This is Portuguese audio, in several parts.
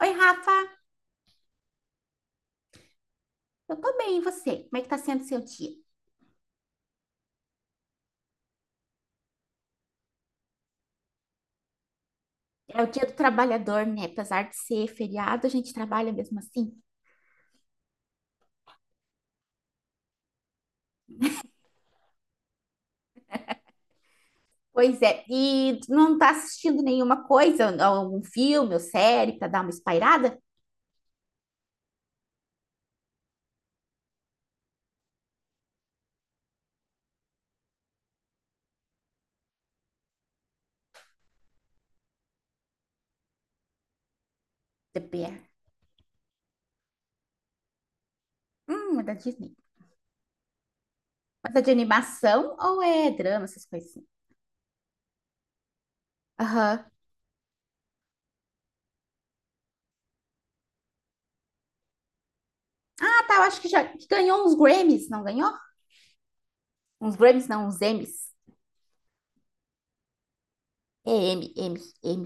Oi, Rafa, eu tô bem, e você? Como é que tá sendo o seu dia? É o dia do trabalhador, né? Apesar de ser feriado, a gente trabalha mesmo assim. Pois é, e tu não tá assistindo nenhuma coisa, algum filme ou série pra dar uma espairada? The Bear. É da Disney. Mas é de animação ou é drama, essas coisas assim? Aham. Ah, tá, eu acho que já que ganhou uns Grammys, não ganhou? Uns Grammys, não, uns Emmys. É M, M, M.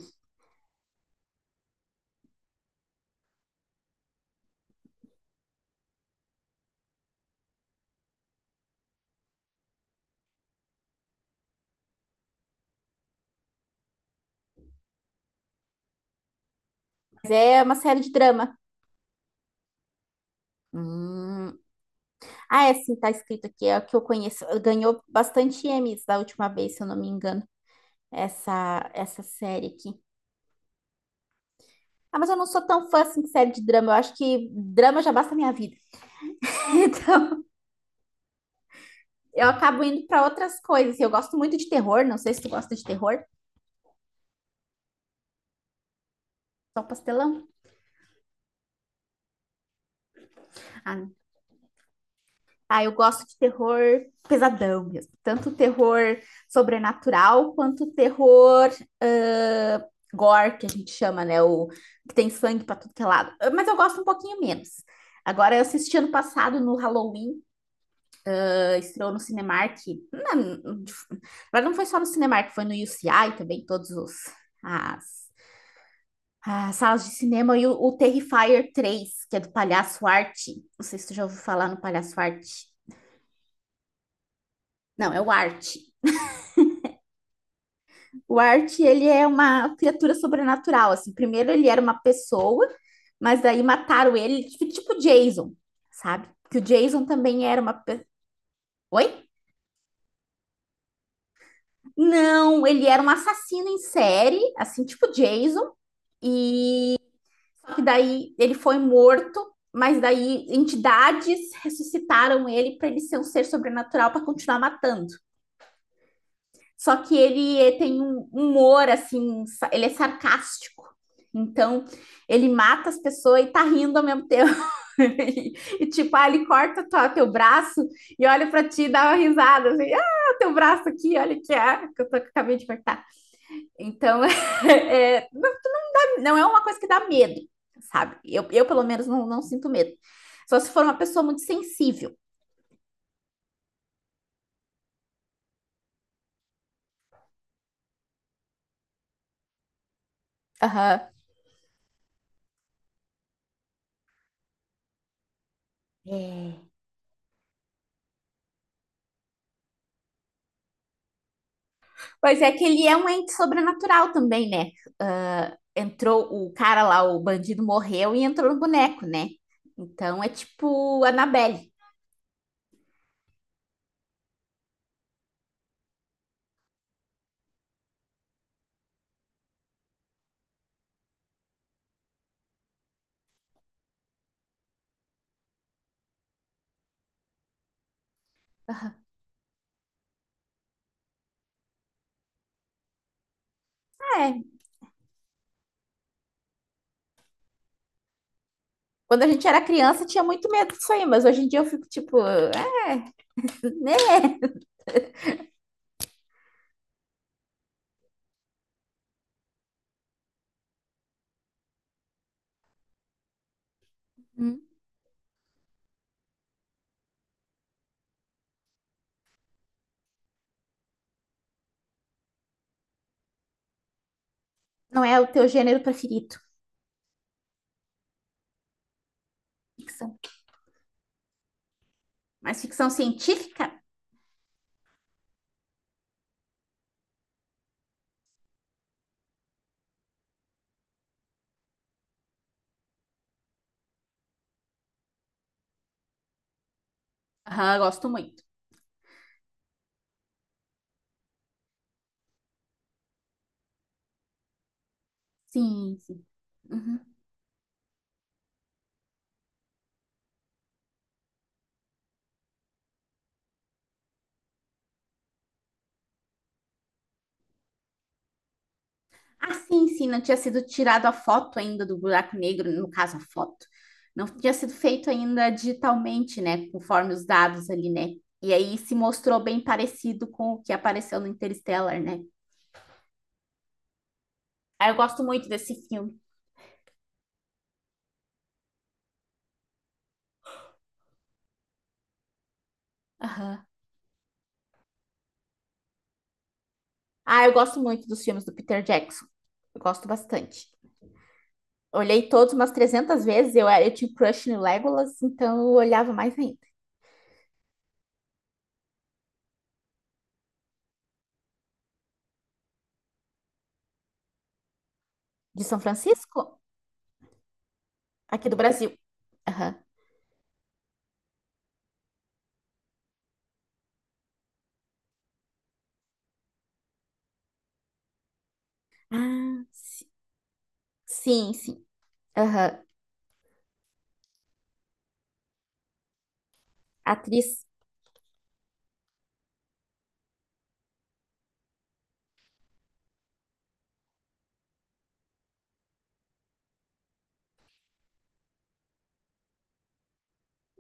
Mas é uma série de drama. Hum. Ah, é sim, tá escrito aqui, é o que eu conheço. Ganhou bastante Emmys da última vez, se eu não me engano, essa série aqui. Ah, mas eu não sou tão fã assim de série de drama. Eu acho que drama já basta a minha vida. Então, eu acabo indo para outras coisas. Eu gosto muito de terror, não sei se tu gosta de terror. Só um pastelão. Ah, Ah, eu gosto de terror pesadão mesmo. Tanto terror sobrenatural quanto terror ah, gore, que a gente chama, né? O que tem sangue pra tudo que é lado. Ah, mas eu gosto um pouquinho menos. Agora, eu assisti ano passado no Halloween, ah, estreou no Cinemark. Na, mas não foi só no Cinemark, foi no UCI também, todos os as, as salas de cinema. E o Terrifier 3 que é do Palhaço Arte. Não sei se tu já ouviu falar no Palhaço Arte. Não, é o Arte. O Art, ele é uma criatura sobrenatural, assim. Primeiro ele era uma pessoa, mas daí mataram ele, tipo Jason, sabe? Que o Jason também era uma. Oi? Não, ele era um assassino em série, assim, tipo Jason. E Só que daí ele foi morto, mas daí entidades ressuscitaram ele para ele ser um ser sobrenatural para continuar matando. Só que ele tem um humor, assim, ele é sarcástico. Então, ele mata as pessoas e tá rindo ao mesmo tempo. e, e, tipo, ele corta teu braço e olha para ti e dá uma risada, assim, ah, teu braço aqui, olha que acabei de cortar. Então, é, não, é uma coisa que dá medo, sabe? Eu pelo menos, não sinto medo. Só se for uma pessoa muito sensível. Aham. Uhum. É. Pois é que ele é um ente sobrenatural também, né? Ah, entrou o cara lá, o bandido morreu e entrou no boneco, né? Então é tipo Annabelle. Ah, é. Quando a gente era criança tinha muito medo disso aí, mas hoje em dia eu fico tipo, ah, né? Hum. Não é o teu gênero preferido. Ficção. Mas ficção científica? Aham, gosto muito. Sim, sim. Uhum. Ah, sim, sim, não tinha sido tirado a foto ainda do buraco negro, no caso, a foto. Não tinha sido feito ainda digitalmente, né? Conforme os dados ali, né? E aí se mostrou bem parecido com o que apareceu no Interstellar, né? Ah, eu gosto muito desse filme. Aham. Ah, eu gosto muito dos filmes do Peter Jackson. Eu gosto bastante. Olhei todos umas 300 vezes. Eu tinha um crush no Legolas, então eu olhava mais ainda. De São Francisco? Aqui do Brasil. Aham. Ah, si- sim, sim. Aham. Atriz?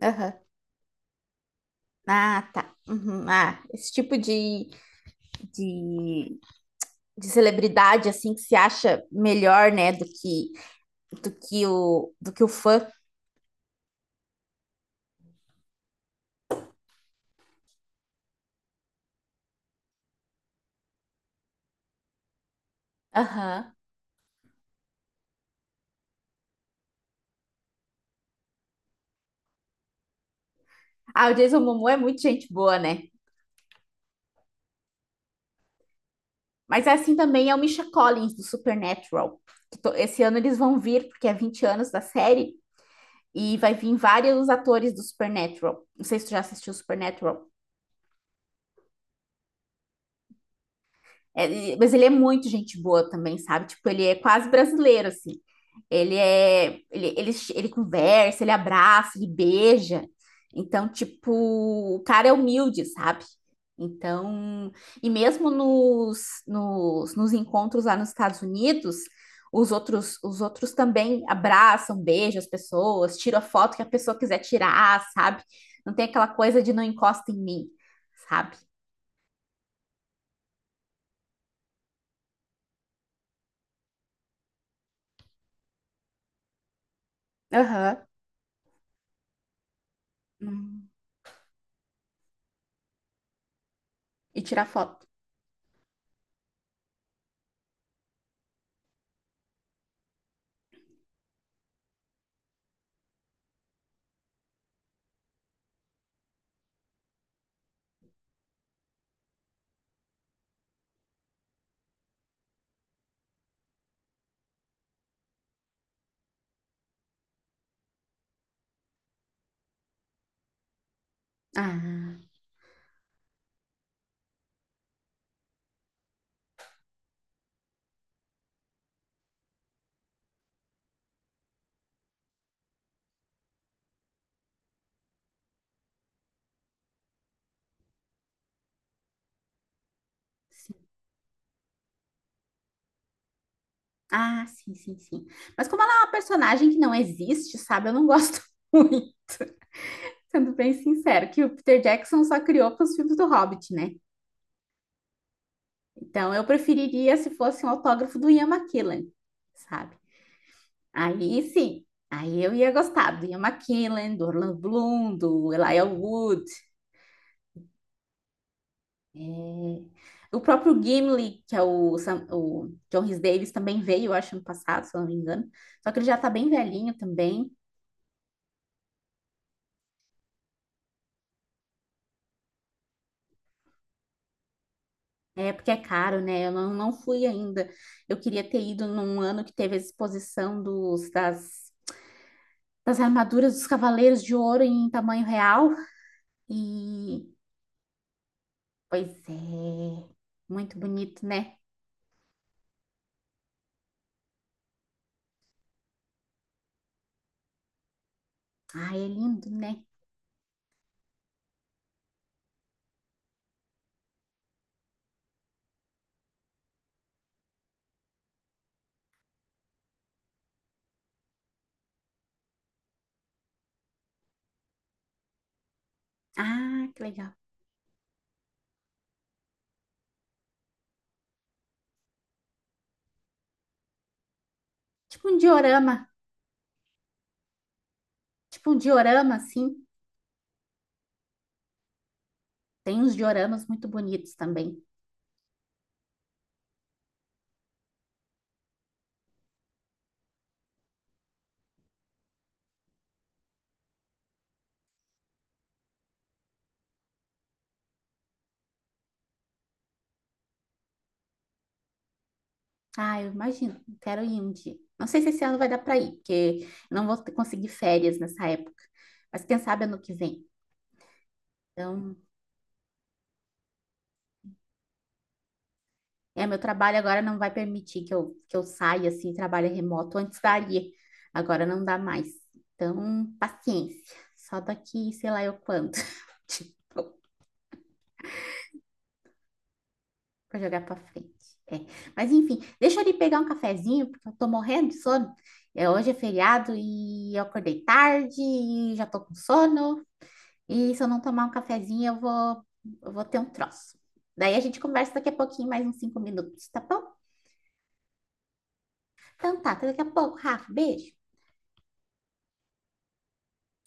Aham. Ah, tá. Uhum. Ah, esse tipo de, de celebridade, assim, que se acha melhor, né, do que o fã. Aham. Ah, o Jason Momoa é muito gente boa, né? Mas é assim também é o Misha Collins, do Supernatural. Esse ano eles vão vir, porque é 20 anos da série, e vai vir vários atores do Supernatural. Não sei se tu já assistiu Supernatural. Mas ele é muito gente boa também, sabe? Tipo, ele é quase brasileiro, assim. Ele conversa, ele abraça, ele beija. Então, tipo, o cara é humilde, sabe? Então, e mesmo nos encontros lá nos Estados Unidos, os outros também abraçam, beijam as pessoas, tiram a foto que a pessoa quiser tirar, sabe? Não tem aquela coisa de não encosta em mim, sabe? Aham. Hum. E tirar foto. Ah, sim. Ah, sim, sim, sim. Mas como ela é uma personagem que não existe, sabe? Eu não gosto muito, sendo bem sincero, que o Peter Jackson só criou para os filmes do Hobbit, né? Então eu preferiria se fosse um autógrafo do Ian McKellen, sabe? Aí sim, aí eu ia gostar do Ian McKellen, do Orlando Bloom, do Elijah Wood, é, o próprio Gimli, que é o, Sam- o John Rhys Davies, também veio, eu acho, ano passado, se eu não me engano. Só que ele já tá bem velhinho também. É, porque é caro, né? Eu não, não fui ainda. Eu queria ter ido num ano que teve a exposição das armaduras dos Cavaleiros de Ouro em tamanho real. E, pois é, muito bonito, né? Ah, é lindo, né? Ah, que legal. Tipo um diorama, tipo um diorama, assim. Tem uns dioramas muito bonitos também. Ah, eu imagino, quero ir um dia. Não sei se esse ano vai dar para ir, porque eu não vou conseguir férias nessa época. Mas quem sabe ano que vem. Então, é, meu trabalho agora não vai permitir que eu saia assim, trabalho remoto. Antes daria, agora não dá mais. Então, paciência. Só daqui, sei lá eu quando. Tipo, pra jogar pra frente. É. Mas enfim, deixa eu ali pegar um cafezinho, porque eu tô morrendo de sono. É, hoje é feriado e eu acordei tarde e já tô com sono. E se eu não tomar um cafezinho, eu vou ter um troço. Daí a gente conversa daqui a pouquinho, mais uns 5 minutos, tá bom? Então tá, até daqui a pouco, Rafa. Beijo.